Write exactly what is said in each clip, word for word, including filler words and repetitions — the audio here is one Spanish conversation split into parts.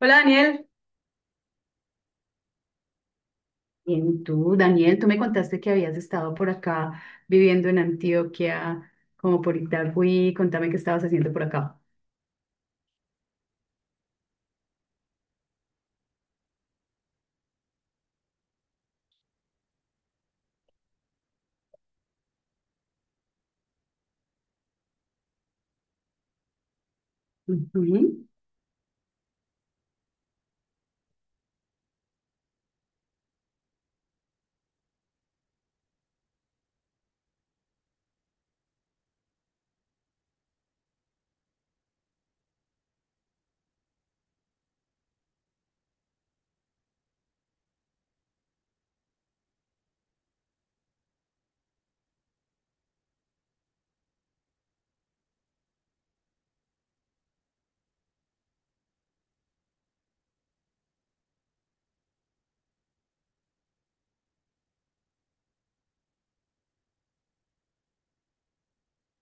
Hola Daniel. Bien, tú, Daniel, tú me contaste que habías estado por acá viviendo en Antioquia, como por Itagüí. Contame qué estabas haciendo por acá. Ujú.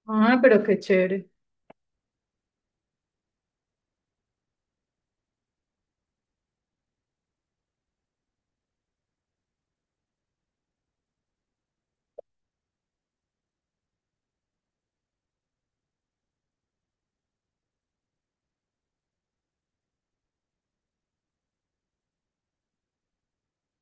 Ah, pero qué chévere.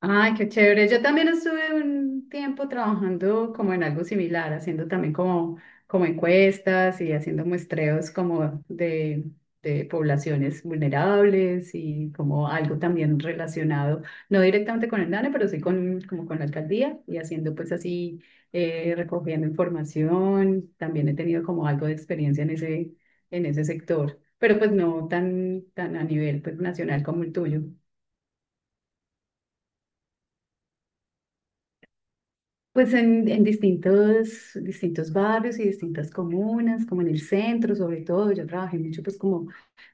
Ay, qué chévere. Yo también estuve un tiempo trabajando como en algo similar, haciendo también como, como encuestas y haciendo muestreos como de, de poblaciones vulnerables y como algo también relacionado, no directamente con el D A N E, pero sí con, como con la alcaldía y haciendo pues así, eh, recogiendo información. También he tenido como algo de experiencia en ese, en ese sector, pero pues no tan, tan a nivel pues nacional como el tuyo. Pues en, en distintos, distintos barrios y distintas comunas, como en el centro sobre todo, yo trabajé mucho pues como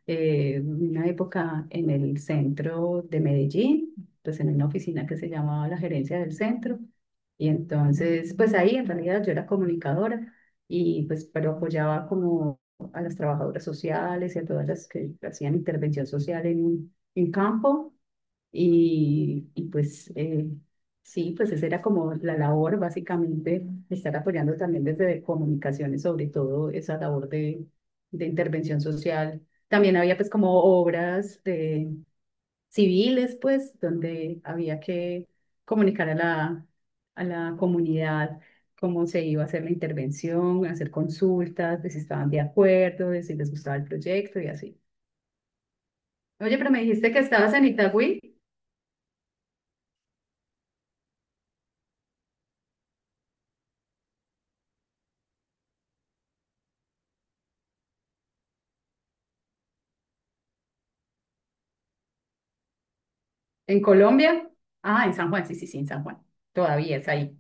eh, una época en el centro de Medellín, pues en una oficina que se llamaba la gerencia del centro. Y entonces, pues ahí en realidad yo era comunicadora y pues, pero apoyaba como a las trabajadoras sociales y a todas las que hacían intervención social en, en campo. Y, y pues eh, sí, pues esa era como la labor básicamente, estar apoyando también desde comunicaciones, sobre todo esa labor de, de intervención social. También había pues como obras de civiles, pues, donde había que comunicar a la, a la comunidad cómo se iba a hacer la intervención, hacer consultas, de si estaban de acuerdo, de si les gustaba el proyecto y así. Oye, pero me dijiste que estabas en Itagüí. ¿En Colombia? Ah, en San Juan, sí, sí, sí, en San Juan. Todavía es ahí.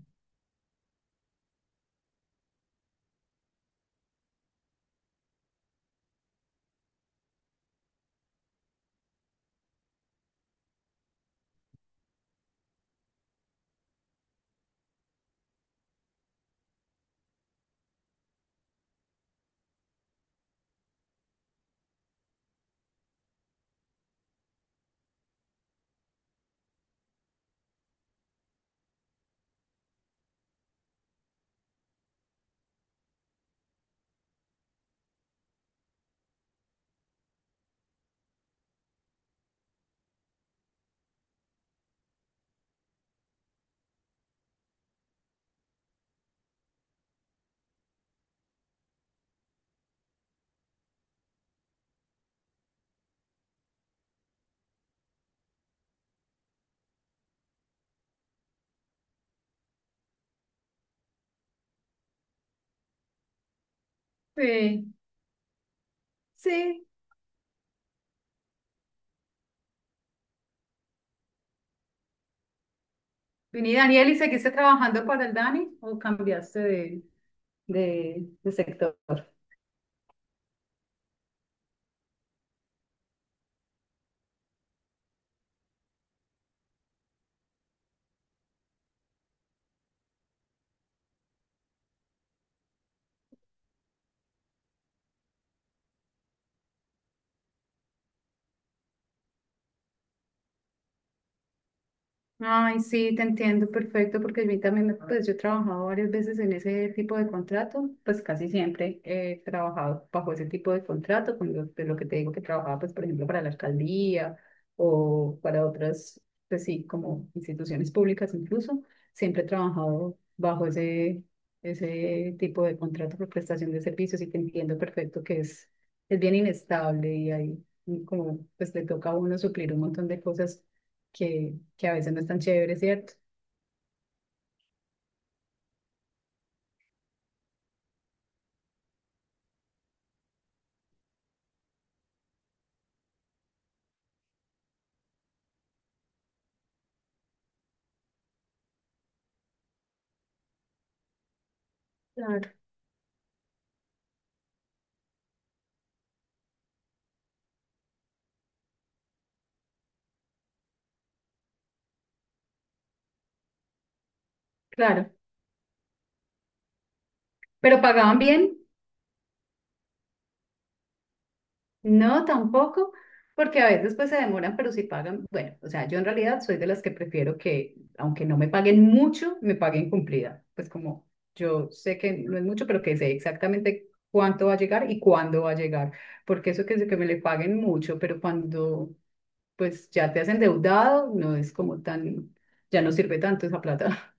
Sí, sí. Vení, Daniel, ¿y seguiste trabajando para el Dani o cambiaste de, de, de sector? Ay, sí, te entiendo perfecto, porque a mí también, me- pues yo he trabajado varias veces en ese tipo de contrato, pues casi siempre he trabajado bajo ese tipo de contrato, con lo, de lo que te digo que trabajaba, pues por ejemplo, para la alcaldía o para otras, pues sí, como instituciones públicas incluso, siempre he trabajado bajo ese, ese tipo de contrato por prestación de servicios y te entiendo perfecto que es, es bien inestable y ahí como pues le toca a uno suplir un montón de cosas que, que a veces no es tan chévere, ¿cierto? Claro, claro. Pero pagaban bien, no tampoco, porque a veces pues se demoran, pero si pagan. Bueno, o sea, yo en realidad soy de las que prefiero que, aunque no me paguen mucho, me paguen cumplida. Pues como yo sé que no es mucho, pero que sé exactamente cuánto va a llegar y cuándo va a llegar. Porque eso que, que me le paguen mucho, pero cuando pues ya te has endeudado, no es como tan, ya no sirve tanto esa plata.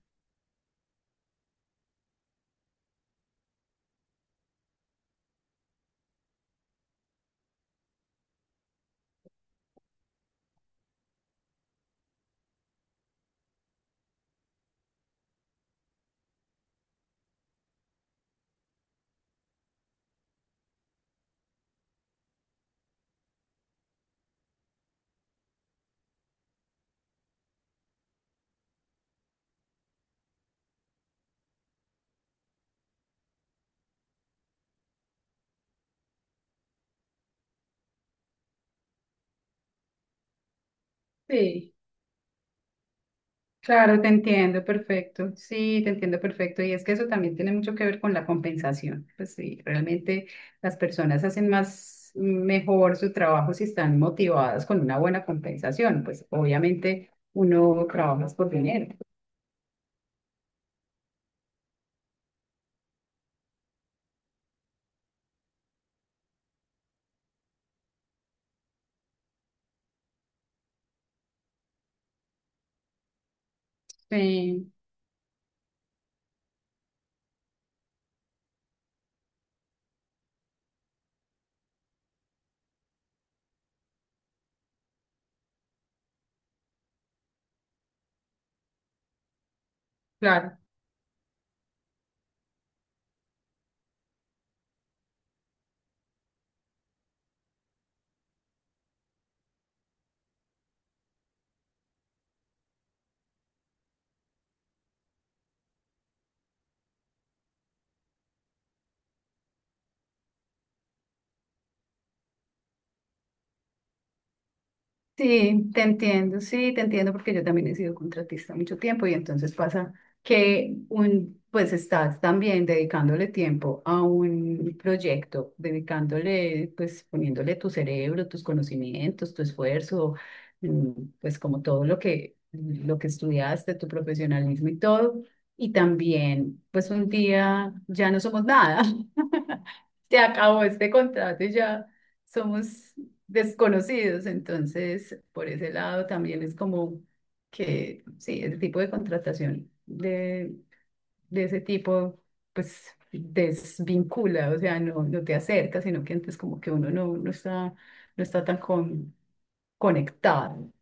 Sí. Claro, te entiendo, perfecto. Sí, te entiendo, perfecto. Y es que eso también tiene mucho que ver con la compensación. Pues sí, realmente las personas hacen más mm, mejor su trabajo si están motivadas con una buena compensación. Pues obviamente uno trabaja por dinero. Sí, claro. Sí, te entiendo, sí, te entiendo porque yo también he sido contratista mucho tiempo y entonces pasa que un, pues estás también dedicándole tiempo a un proyecto, dedicándole, pues poniéndole tu cerebro, tus conocimientos, tu esfuerzo, mm, pues como todo lo que, lo que estudiaste, tu profesionalismo y todo. Y también, pues un día ya no somos nada. Se acabó este contrato y ya somos desconocidos. Entonces, por ese lado también es como que, sí, el tipo de contratación de, de ese tipo, pues desvincula, o sea, no, no te acerca, sino que antes como que uno no, no está, no está tan con- conectado.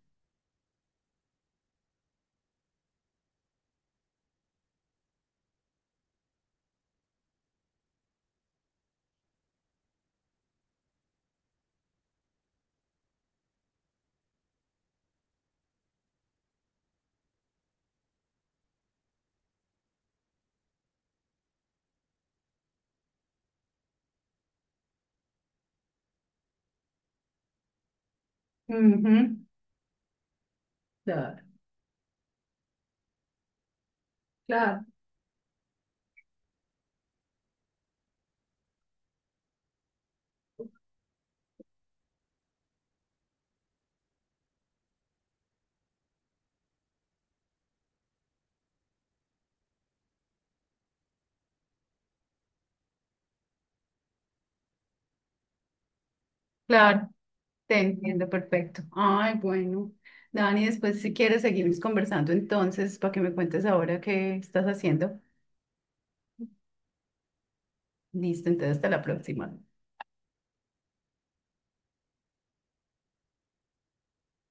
Ujú. Claro. Claro. Claro, te entiendo perfecto. Ay, bueno. Dani, después si quieres seguimos conversando entonces para que me cuentes ahora qué estás haciendo. Listo, entonces hasta la próxima.